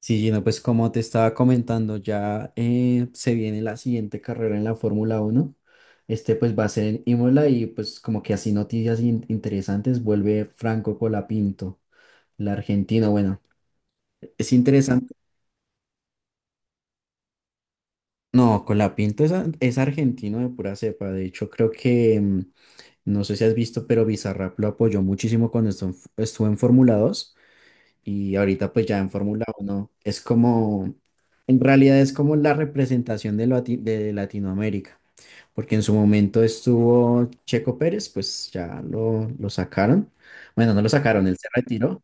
Sí, Gino, pues como te estaba comentando, ya se viene la siguiente carrera en la Fórmula Uno. Este pues va a ser en Imola y pues como que así noticias interesantes. Vuelve Franco Colapinto, el argentino. Bueno, es interesante. No, Colapinto es argentino de pura cepa. De hecho, creo que, no sé si has visto, pero Bizarrap lo apoyó muchísimo cuando estuvo en Fórmula dos. Y ahorita pues ya en Fórmula Uno es como, en realidad es como la representación de Latinoamérica, porque en su momento estuvo Checo Pérez, pues ya lo sacaron. Bueno, no lo sacaron, él se retiró.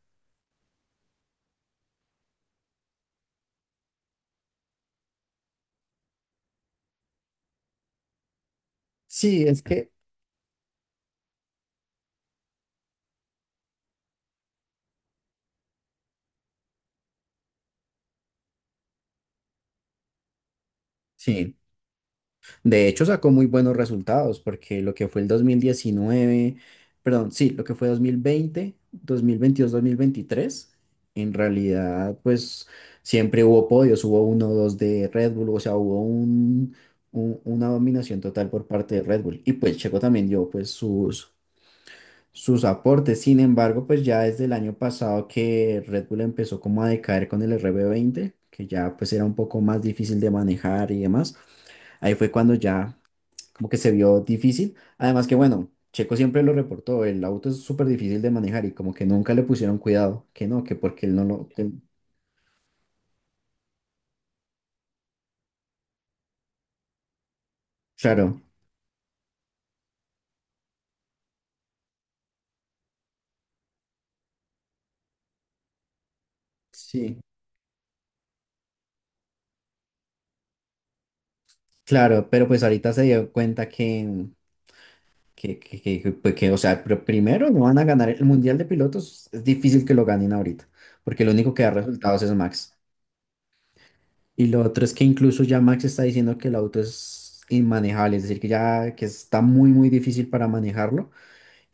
Sí, es que, sí. De hecho, sacó muy buenos resultados porque lo que fue el 2019, perdón, sí, lo que fue dos mil veinte, 2022, 2023, en realidad, pues siempre hubo podios, hubo uno o dos de Red Bull. O sea, hubo una dominación total por parte de Red Bull. Y pues Checo también dio pues sus aportes. Sin embargo, pues ya desde el año pasado que Red Bull empezó como a decaer con el RB20, que ya pues era un poco más difícil de manejar y demás. Ahí fue cuando ya como que se vio difícil. Además que, bueno, Checo siempre lo reportó, el auto es súper difícil de manejar y como que nunca le pusieron cuidado, que no, que porque él no lo. Claro, sí, claro, pero pues ahorita se dio cuenta que, pues que, o sea, primero no van a ganar el Mundial de Pilotos, es difícil que lo ganen ahorita, porque el único que da resultados es Max. Y lo otro es que incluso ya Max está diciendo que el auto es inmanejable, es decir, que ya que está muy, muy difícil para manejarlo.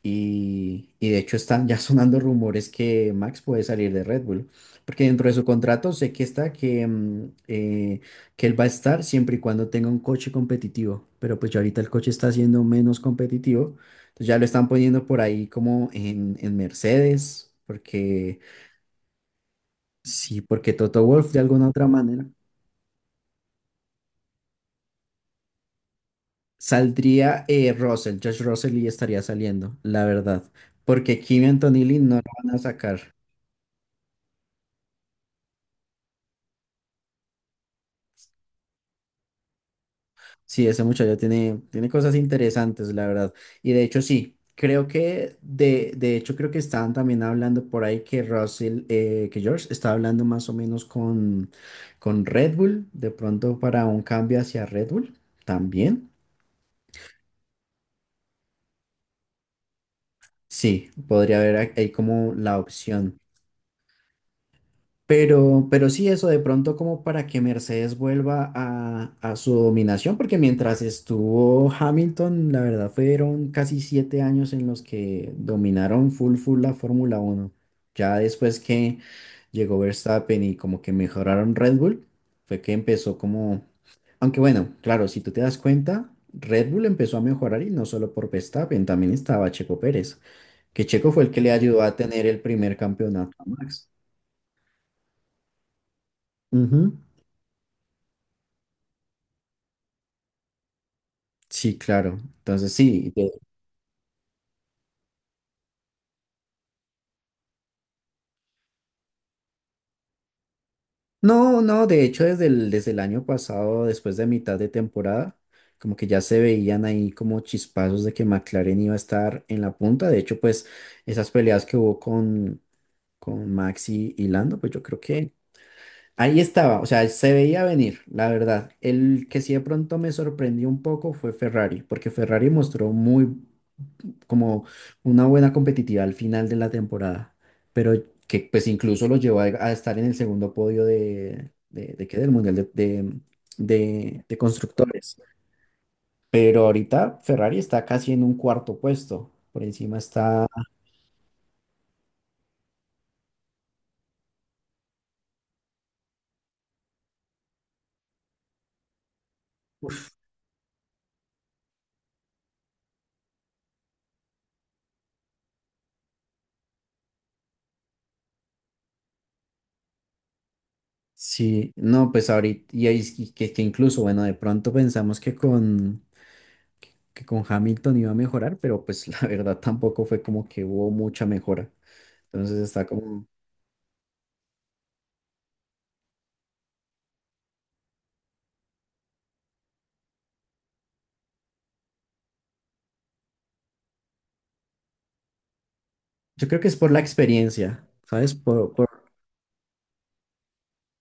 Y de hecho están ya sonando rumores que Max puede salir de Red Bull, porque dentro de su contrato sé que está que, que él va a estar siempre y cuando tenga un coche competitivo, pero pues ya ahorita el coche está siendo menos competitivo, entonces ya lo están poniendo por ahí como en, Mercedes, porque sí, porque Toto Wolff de alguna otra manera saldría Russell, George Russell, y estaría saliendo, la verdad, porque Kimi Antonelli no lo van a sacar. Sí, ese muchacho tiene cosas interesantes, la verdad. Y de hecho, sí, creo que, de hecho, creo que estaban también hablando por ahí que Russell, que George estaba hablando más o menos con Red Bull, de pronto para un cambio hacia Red Bull también. Sí, podría haber ahí como la opción. Pero sí, eso de pronto como para que Mercedes vuelva a su dominación, porque mientras estuvo Hamilton, la verdad fueron casi 7 años en los que dominaron full full la Fórmula Uno. Ya después que llegó Verstappen y como que mejoraron Red Bull, fue que empezó como. Aunque bueno, claro, si tú te das cuenta, Red Bull empezó a mejorar y no solo por Verstappen, también estaba Checo Pérez, que Checo fue el que le ayudó a tener el primer campeonato a Max. Ujú. Sí, claro. Entonces sí. No, no, de hecho desde el, año pasado, después de mitad de temporada, como que ya se veían ahí como chispazos de que McLaren iba a estar en la punta. De hecho, pues esas peleas que hubo con, Max y Lando, pues yo creo que ahí estaba, o sea, se veía venir, la verdad. El que sí de pronto me sorprendió un poco fue Ferrari, porque Ferrari mostró muy como una buena competitividad al final de la temporada, pero que pues incluso lo llevó a estar en el segundo podio del Mundial de Constructores. Pero ahorita Ferrari está casi en un cuarto puesto. Por encima está. Sí, no, pues ahorita, y ahí es que, que incluso, bueno, de pronto pensamos que con Hamilton iba a mejorar, pero pues la verdad tampoco fue como que hubo mucha mejora. Entonces está como, yo creo que es por la experiencia, ¿sabes?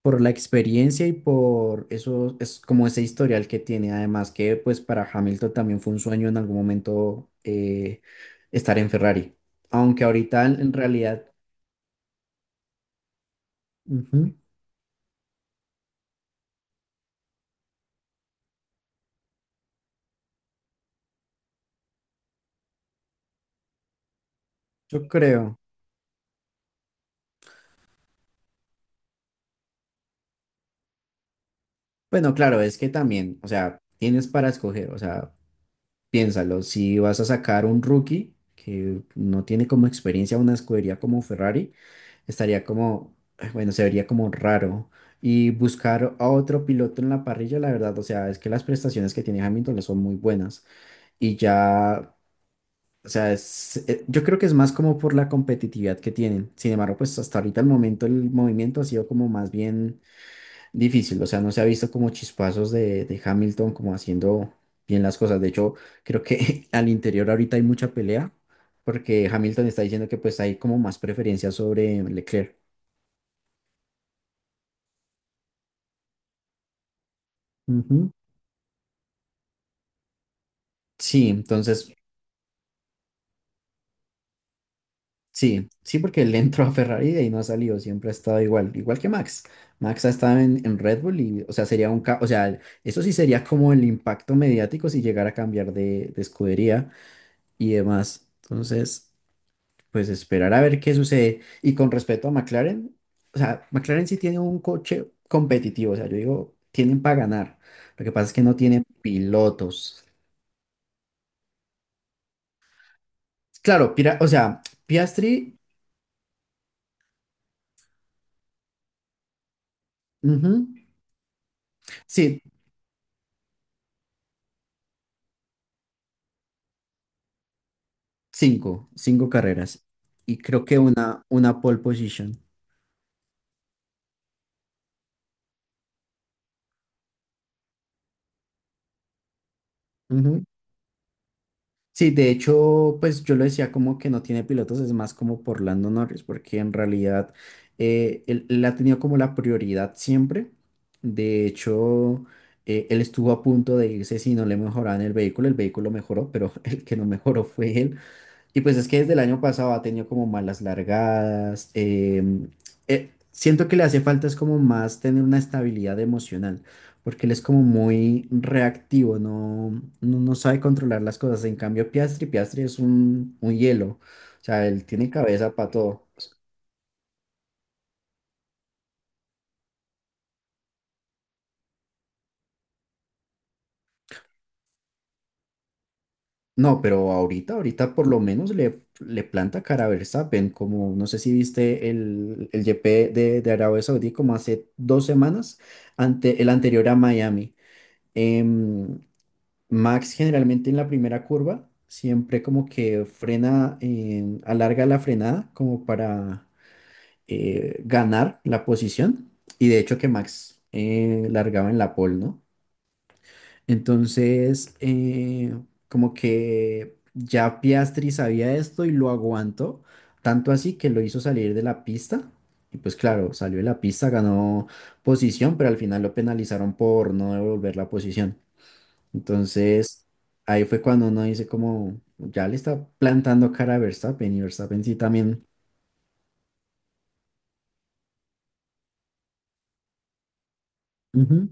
Por la experiencia, y por eso es como ese historial que tiene. Además que pues para Hamilton también fue un sueño en algún momento estar en Ferrari. Aunque ahorita en realidad, ujú, yo creo. Bueno, claro, es que también, o sea, tienes para escoger. O sea, piénsalo, si vas a sacar un rookie que no tiene como experiencia una escudería como Ferrari. Estaría como, ay, bueno, se vería como raro. Y buscar a otro piloto en la parrilla, la verdad, o sea, es que las prestaciones que tiene Hamilton son muy buenas. Y ya, o sea, yo creo que es más como por la competitividad que tienen. Sin embargo, pues hasta ahorita el momento, el movimiento ha sido como más bien difícil. O sea, no se ha visto como chispazos de Hamilton como haciendo bien las cosas. De hecho, creo que al interior ahorita hay mucha pelea porque Hamilton está diciendo que pues hay como más preferencia sobre Leclerc. Ujú. Sí, entonces, sí, sí, porque él entró a Ferrari y de ahí no ha salido, siempre ha estado igual, igual que Max. Max ha estado en, Red Bull y, o sea, sería o sea, eso sí sería como el impacto mediático si llegara a cambiar de escudería y demás. Entonces, pues esperar a ver qué sucede. Y con respecto a McLaren, o sea, McLaren sí tiene un coche competitivo, o sea, yo digo, tienen para ganar. Lo que pasa es que no tienen pilotos. Claro, o sea, Piastri, ujú. Sí, 5, 5 carreras. Y creo que una pole position. Ujú. Sí, de hecho, pues yo lo decía como que no tiene pilotos, es más como por Lando Norris, porque en realidad él ha tenido como la prioridad siempre. De hecho, él estuvo a punto de irse si no le mejoraban el vehículo. El vehículo mejoró, pero el que no mejoró fue él. Y pues es que desde el año pasado ha tenido como malas largadas. Siento que le hace falta es como más tener una estabilidad emocional, porque él es como muy reactivo, no, no, no sabe controlar las cosas. En cambio, Piastri, Piastri es un hielo. O sea, él tiene cabeza para todo. No, pero ahorita, por lo menos le planta cara a Verstappen, como no sé si viste el GP de Arabia Saudí, como hace 2 semanas, ante el anterior a Miami. em, Max generalmente en la primera curva siempre como que frena, alarga la frenada como para ganar la posición. Y de hecho que Max largaba en la pole, ¿no? Entonces, como que ya Piastri sabía esto y lo aguantó, tanto así que lo hizo salir de la pista. Y pues claro, salió de la pista, ganó posición, pero al final lo penalizaron por no devolver la posición. Entonces, ahí fue cuando uno dice como, ya le está plantando cara a Verstappen, y Verstappen sí también. Ujú.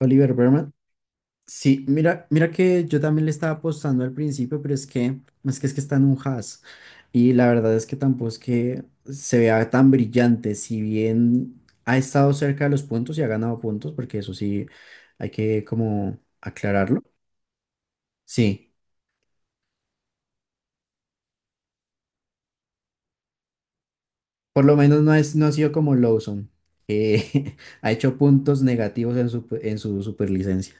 Oliver Berman. Sí, mira que yo también le estaba apostando al principio, pero es que, está en un Haas. Y la verdad es que tampoco es que se vea tan brillante, si bien ha estado cerca de los puntos y ha ganado puntos, porque eso sí hay que como aclararlo. Sí. Por lo menos no, es, no ha sido como Lawson, que ha hecho puntos negativos en su superlicencia.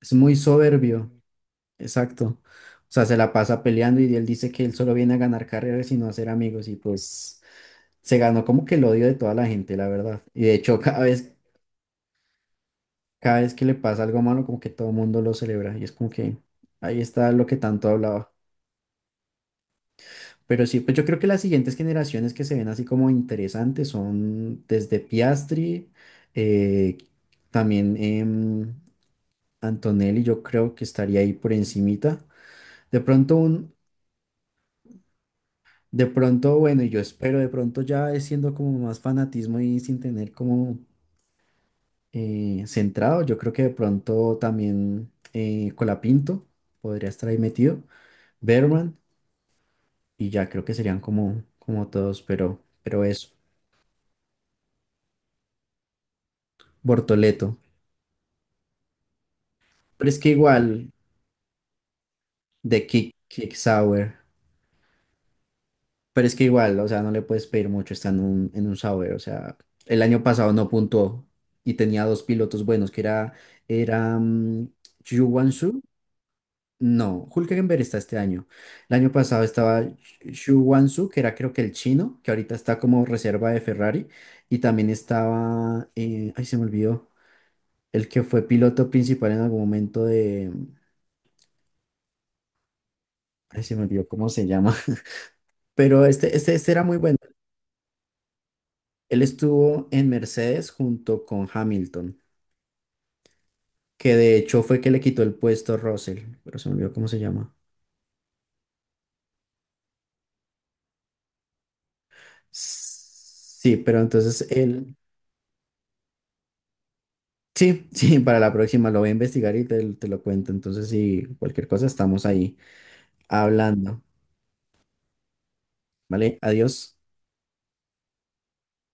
Es muy soberbio, exacto. O sea, se la pasa peleando y él dice que él solo viene a ganar carreras y no a hacer amigos, y pues se ganó como que el odio de toda la gente, la verdad. Y de hecho, cada vez que le pasa algo malo, como que todo el mundo lo celebra y es como que ahí está lo que tanto hablaba. Pero sí, pues yo creo que las siguientes generaciones que se ven así como interesantes son desde Piastri, eh, también Antonelli, yo creo que estaría ahí por encimita. De pronto un, de pronto, bueno, y yo espero, de pronto ya es siendo como más fanatismo y sin tener como centrado, yo creo que de pronto también Colapinto podría estar ahí metido, Berman, y ya creo que serían como, todos, pero eso, Bortoleto. Pero es que igual, de Kick Sour. Pero es que igual, o sea, no le puedes pedir mucho, está en un Sour. O sea, el año pasado no puntuó y tenía 2 pilotos buenos, que era Xu Guangzhou. No, Hülkenberg está este año. El año pasado estaba Xu Guangzhou, que era creo que el chino, que ahorita está como reserva de Ferrari. Y también estaba, ay, se me olvidó, el que fue piloto principal en algún momento, ay, se me olvidó cómo se llama. Pero este era muy bueno. Él estuvo en Mercedes junto con Hamilton, que de hecho fue que le quitó el puesto a Russell, pero se me olvidó cómo se llama. Sí, pero entonces sí, sí, para la próxima lo voy a investigar y te lo cuento. Entonces, si cualquier cosa, estamos ahí hablando. ¿Vale? Adiós.